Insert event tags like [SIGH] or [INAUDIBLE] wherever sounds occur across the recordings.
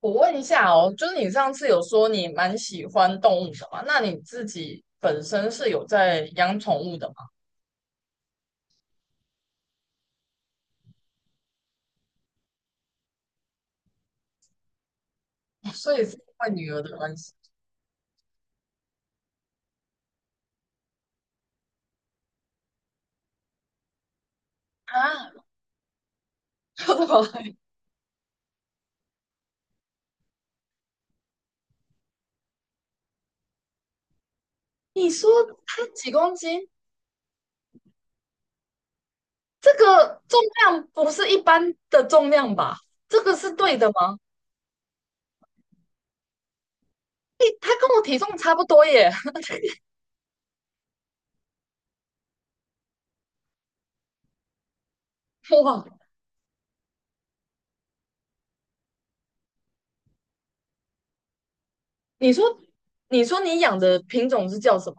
我问一下哦，就是你上次有说你蛮喜欢动物的嘛？那你自己本身是有在养宠物的吗？[LAUGHS] 所以是因为女儿的关系啊？[LAUGHS] 怎么了？ [LAUGHS] 你说它几公斤？这个重量不是一般的重量吧？这个是对的吗？诶，它跟我体重差不多耶！[LAUGHS] 哇，你说，你说你养的品种是叫什么？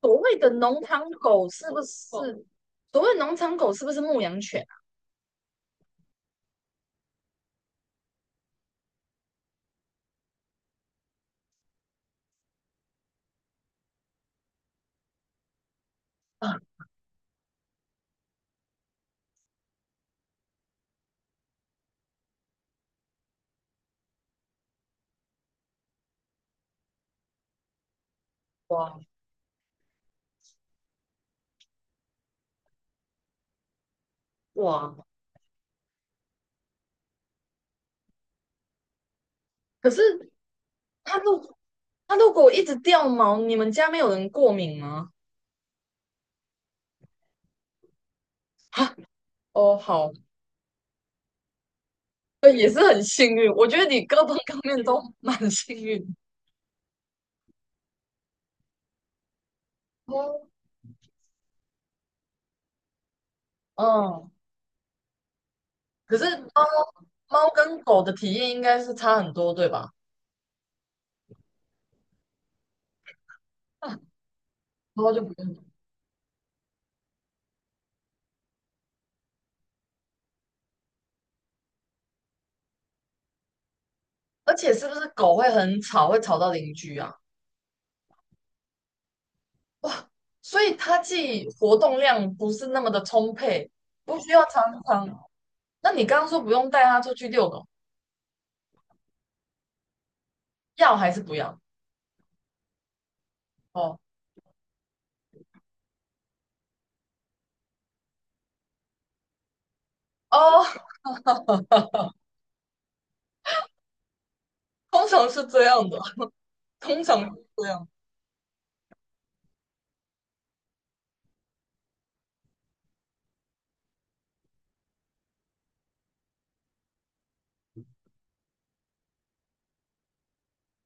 所谓的农场狗是不是？所谓农场狗是不是牧羊犬啊？哇，哇，可是它露它如果一直掉毛，你们家没有人过敏吗？啊，哦，好，对，也是很幸运。我觉得你各方各面都蛮幸运。哦，嗯，可是猫跟狗的体验应该是差很多，对吧？啊，猫就不用，而且是不是狗会很吵，会吵到邻居啊？哇，所以它既活动量不是那么的充沛，不需要常常。那你刚刚说不用带它出去遛狗，要还是不要？哦，哦，通常是这样的。通常是这样。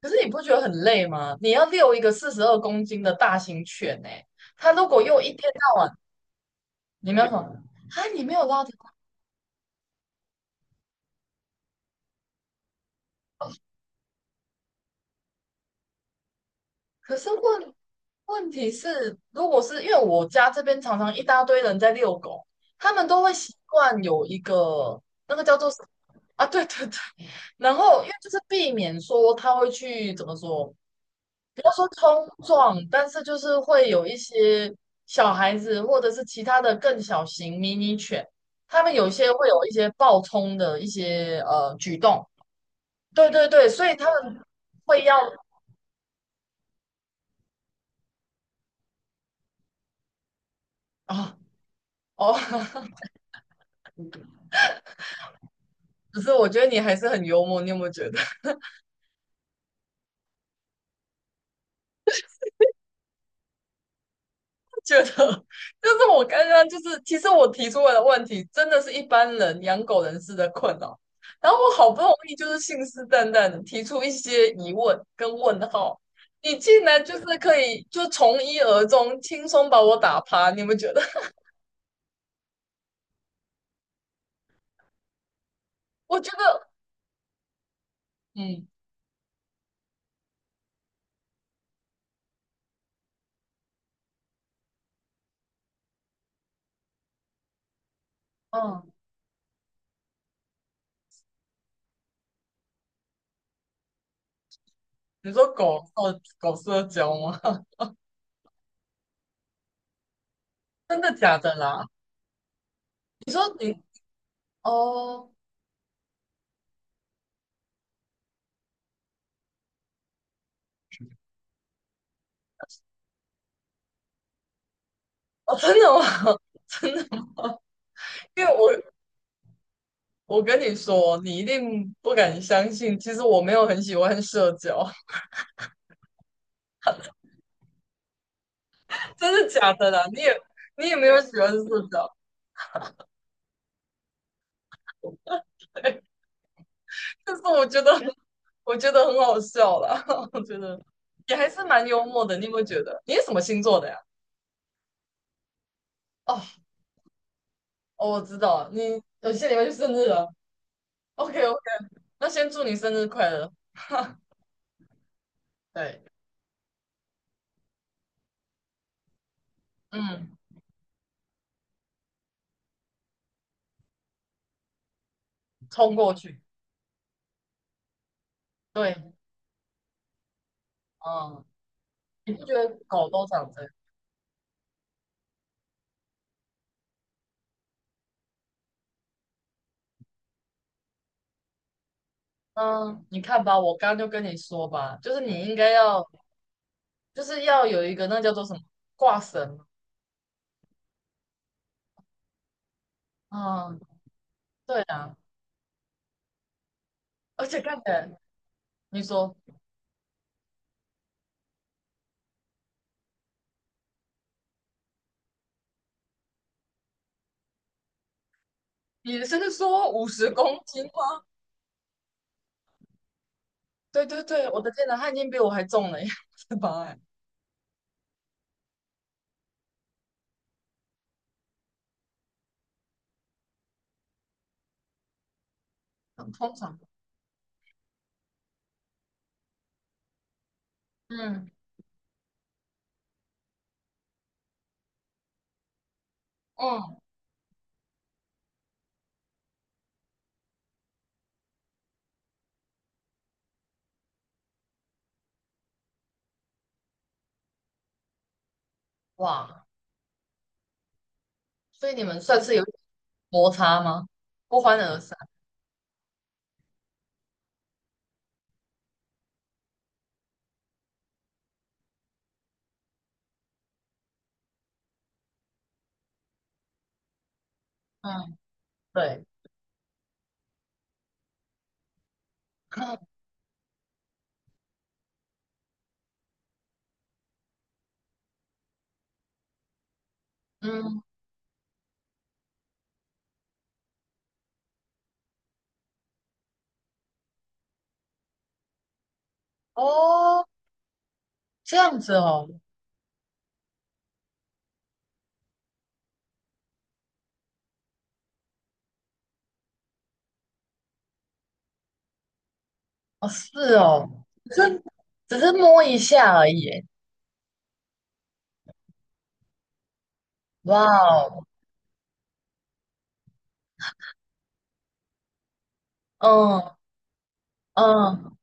可是你不觉得很累吗？你要遛一个四十二公斤的大型犬呢、它如果又一天到晚，你没有什么啊，你没有拉它。可是问题是，如果是因为我家这边常常一大堆人在遛狗，他们都会习惯有一个，那个叫做什么啊，对对对，然后因为就是避免说他会去怎么说，不要说冲撞，但是就是会有一些小孩子或者是其他的更小型迷你犬，他们有些会有一些暴冲的一些举动。对对对，所以他们会要啊哦。[LAUGHS] 可是我觉得你还是很幽默，你有没有觉得？[LAUGHS] 觉得就是我刚刚，就是，其实我提出来的问题，真的是一般人养狗人士的困扰。然后我好不容易就是信誓旦旦的提出一些疑问跟问号，你竟然就是可以就从一而终，轻松把我打趴。你们觉得？[LAUGHS] 我觉得，嗯嗯，你说狗哦，狗社交吗？[LAUGHS] 真的假的啦？你说你哦哦，真的吗？[LAUGHS] 真的，因为我跟你说，你一定不敢相信。其实我没有很喜欢社交。[LAUGHS] 真的假的啦？你也没有喜欢社交，对。[LAUGHS] 但是我觉得很好笑啦，[LAUGHS] 我觉得也还是蛮幽默的。你有没有觉得？你是什么星座的呀？哦，哦我知道了，你有些礼拜就生日了。OK OK，那先祝你生日快乐。对，嗯，冲过去。对，嗯，你不觉得狗都长这样？嗯，你看吧，我刚刚就跟你说吧，就是你应该要。就是要有一个那叫做什么，挂绳嘛。嗯，对啊，而且看起来你说，你是说50公斤吗？对对对，我的天哪，他已经比我还重了耶，是吧？哎，通常，嗯嗯，哇，所以你们算是有摩擦吗？不欢而散。嗯，对。[CLEARS THROAT] 嗯，哦，这样子哦，哦是哦，只是只是摸一下而已耶，哇哦，嗯嗯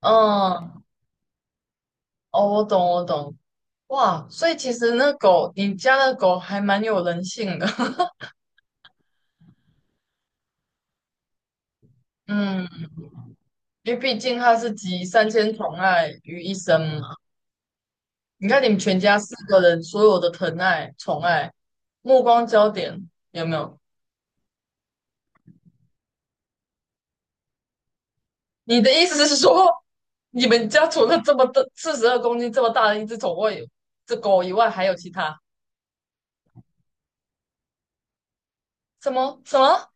嗯，哦，我懂我懂。哇，所以其实那狗，你家的狗还蛮有人性的。[LAUGHS] 嗯，因为毕竟它是集三千宠爱于一身嘛。你看你们全家四个人所有的疼爱、宠爱、目光焦点，有没有？你的意思是说，你们家除了这么的四十二公斤这么大的一只宠物以，这狗以外，还有其他什么什么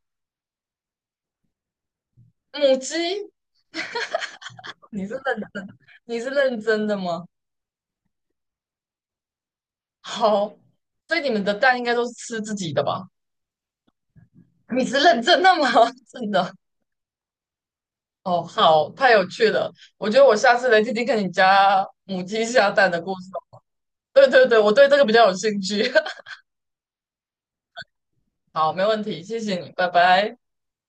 母鸡？你是认真，你是认真的吗？好，所以你们的蛋应该都是吃自己的吧？你是认真的吗？[LAUGHS] 真的，哦，好，太有趣了。我觉得我下次来听听看你家母鸡下蛋的故事哦。对对对，我对这个比较有兴趣。[LAUGHS] 好，没问题，谢谢你，拜拜。